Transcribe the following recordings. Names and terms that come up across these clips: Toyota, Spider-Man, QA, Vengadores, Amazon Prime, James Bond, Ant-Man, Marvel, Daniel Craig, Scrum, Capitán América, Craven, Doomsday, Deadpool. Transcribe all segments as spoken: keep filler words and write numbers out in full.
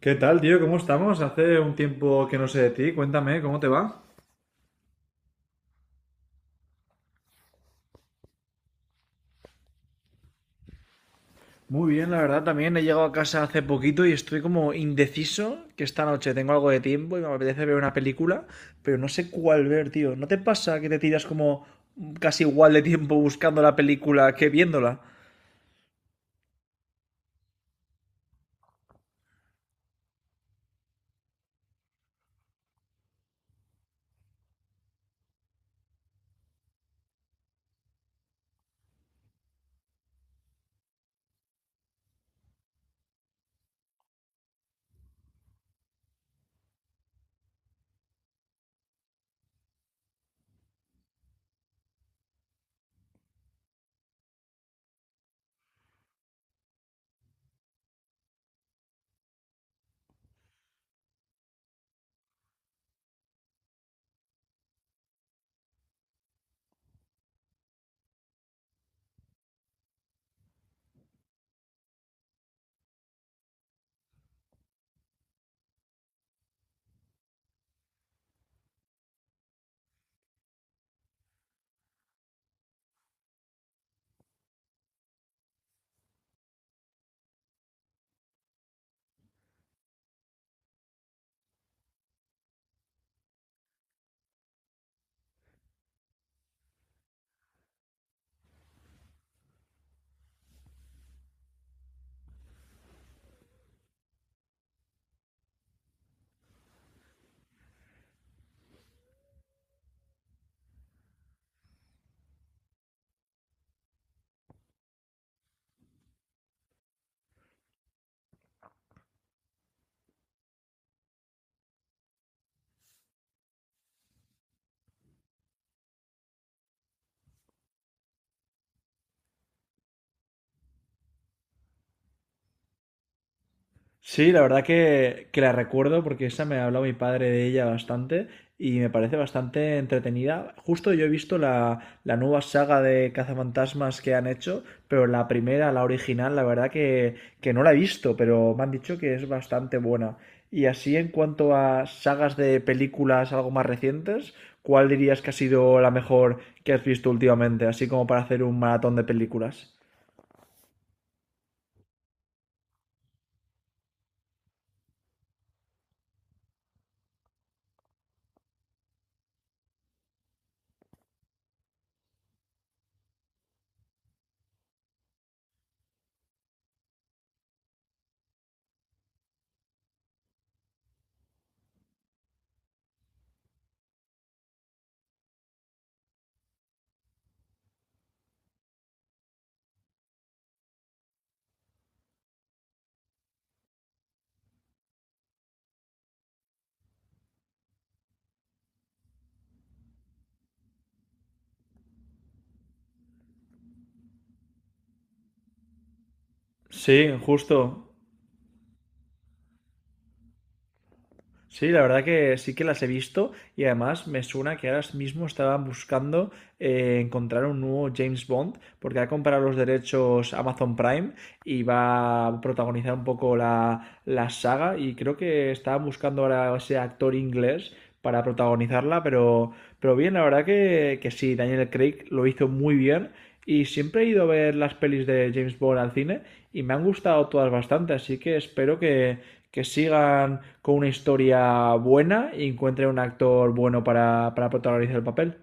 ¿Qué tal, tío? ¿Cómo estamos? Hace un tiempo que no sé de ti. Cuéntame, ¿cómo te va? Muy bien, la verdad, también he llegado a casa hace poquito y estoy como indeciso que esta noche tengo algo de tiempo y me apetece ver una película, pero no sé cuál ver, tío. ¿No te pasa que te tiras como casi igual de tiempo buscando la película que viéndola? Sí, la verdad que, que la recuerdo porque esa me ha hablado mi padre de ella bastante y me parece bastante entretenida. Justo yo he visto la, la nueva saga de cazafantasmas que han hecho, pero la primera, la original, la verdad que, que no la he visto, pero me han dicho que es bastante buena. Y así en cuanto a sagas de películas algo más recientes, ¿cuál dirías que ha sido la mejor que has visto últimamente? Así como para hacer un maratón de películas. Sí, justo. Sí, la verdad que sí que las he visto y además me suena que ahora mismo estaban buscando eh, encontrar un nuevo James Bond porque ha comprado los derechos Amazon Prime y va a protagonizar un poco la, la saga y creo que estaban buscando ahora ese actor inglés para protagonizarla, pero, pero bien, la verdad que, que sí, Daniel Craig lo hizo muy bien y siempre he ido a ver las pelis de James Bond al cine y me han gustado todas bastante, así que espero que, que sigan con una historia buena y encuentren un actor bueno para, para protagonizar el papel.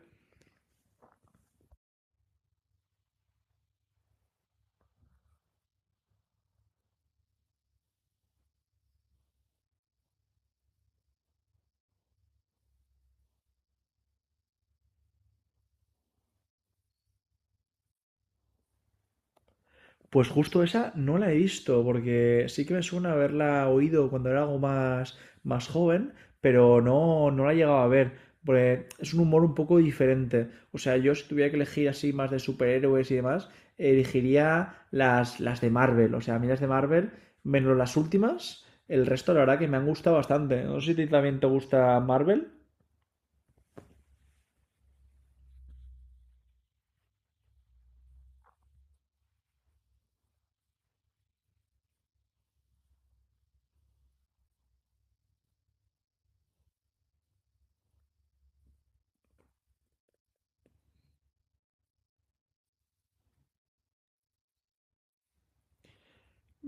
Pues justo esa no la he visto, porque sí que me suena haberla oído cuando era algo más, más joven, pero no, no la he llegado a ver. Porque es un humor un poco diferente. O sea, yo si tuviera que elegir así más de superhéroes y demás, elegiría las, las de Marvel. O sea, a mí las de Marvel, menos las últimas, el resto la verdad que me han gustado bastante. No sé si a ti también te gusta Marvel.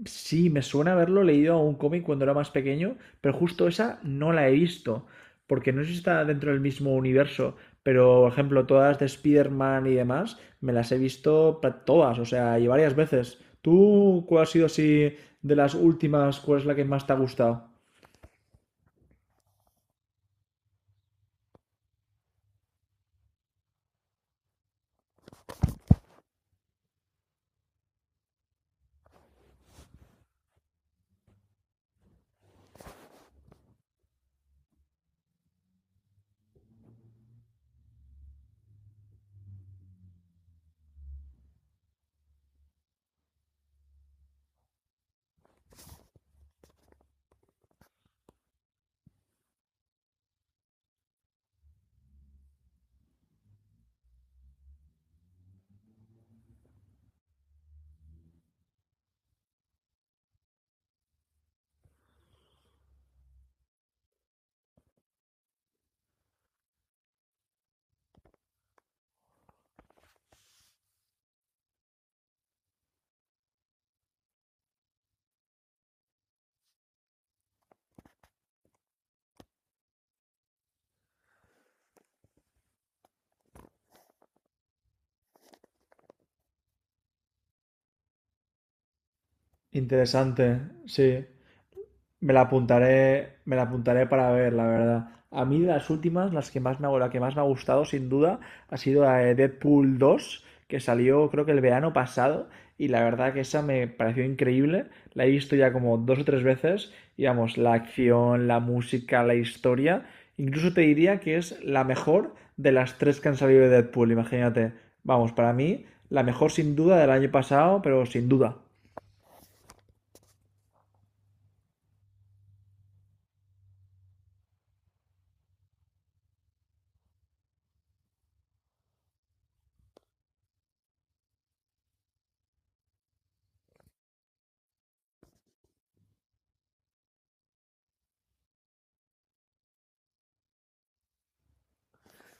Sí, me suena haberlo leído a un cómic cuando era más pequeño, pero justo esa no la he visto, porque no sé si está dentro del mismo universo, pero por ejemplo, todas de Spider-Man y demás, me las he visto pra- todas, o sea, y varias veces. ¿Tú cuál ha sido así de las últimas, cuál es la que más te ha gustado? Interesante, sí. Me la apuntaré, me la apuntaré para ver, la verdad. A mí de las últimas, las que más me, ha- la que más me ha gustado, sin duda, ha sido la de Deadpool dos que salió creo que el verano pasado, y la verdad que esa me pareció increíble. La he visto ya como dos o tres veces, y vamos, la acción, la música, la historia, incluso te diría que es la mejor de las tres que han salido de Deadpool, imagínate. Vamos, para mí, la mejor sin duda del año pasado, pero sin duda.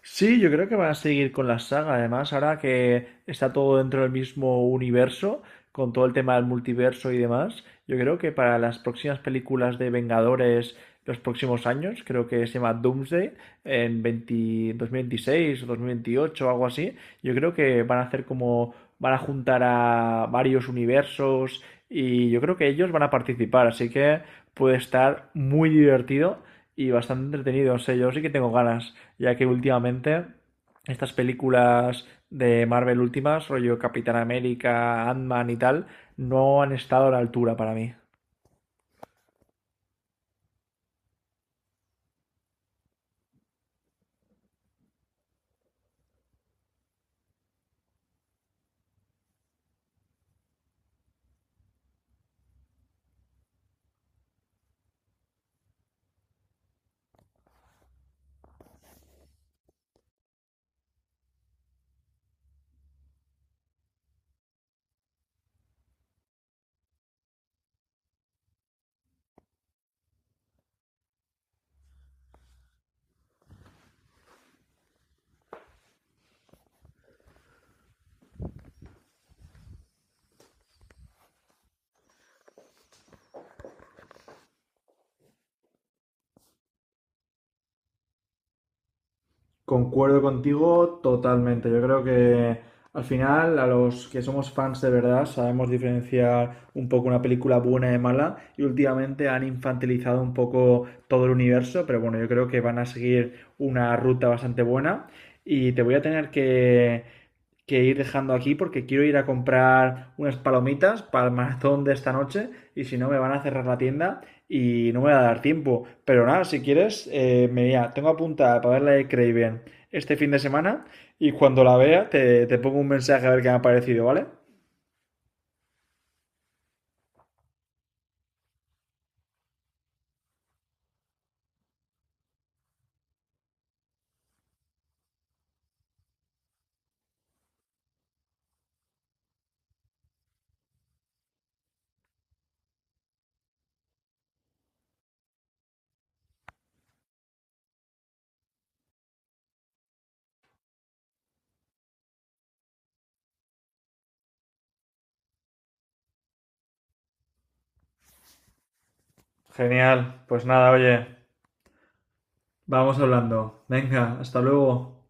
Sí, yo creo que van a seguir con la saga. Además, ahora que está todo dentro del mismo universo, con todo el tema del multiverso y demás, yo creo que para las próximas películas de Vengadores, los próximos años, creo que se llama Doomsday, en veinte dos mil dos mil veintiséis o dos mil o algo así, yo creo que van a hacer como, van a juntar a varios universos y yo creo que ellos van a participar. Así que puede estar muy divertido y bastante entretenido. No sé, yo sí que tengo ganas ya que últimamente estas películas de Marvel últimas, rollo Capitán América, Ant-Man y tal, no han estado a la altura para mí. Concuerdo contigo totalmente. Yo creo que al final a los que somos fans de verdad sabemos diferenciar un poco una película buena de mala y últimamente han infantilizado un poco todo el universo, pero bueno, yo creo que van a seguir una ruta bastante buena y te voy a tener que que ir dejando aquí porque quiero ir a comprar unas palomitas para el maratón de esta noche y si no me van a cerrar la tienda y no me va a dar tiempo. Pero nada, si quieres, eh, mira, tengo apuntada para ver la de Craven este fin de semana y cuando la vea te, te pongo un mensaje a ver qué me ha parecido, ¿vale? Genial, pues nada, oye, vamos hablando. Venga, hasta luego.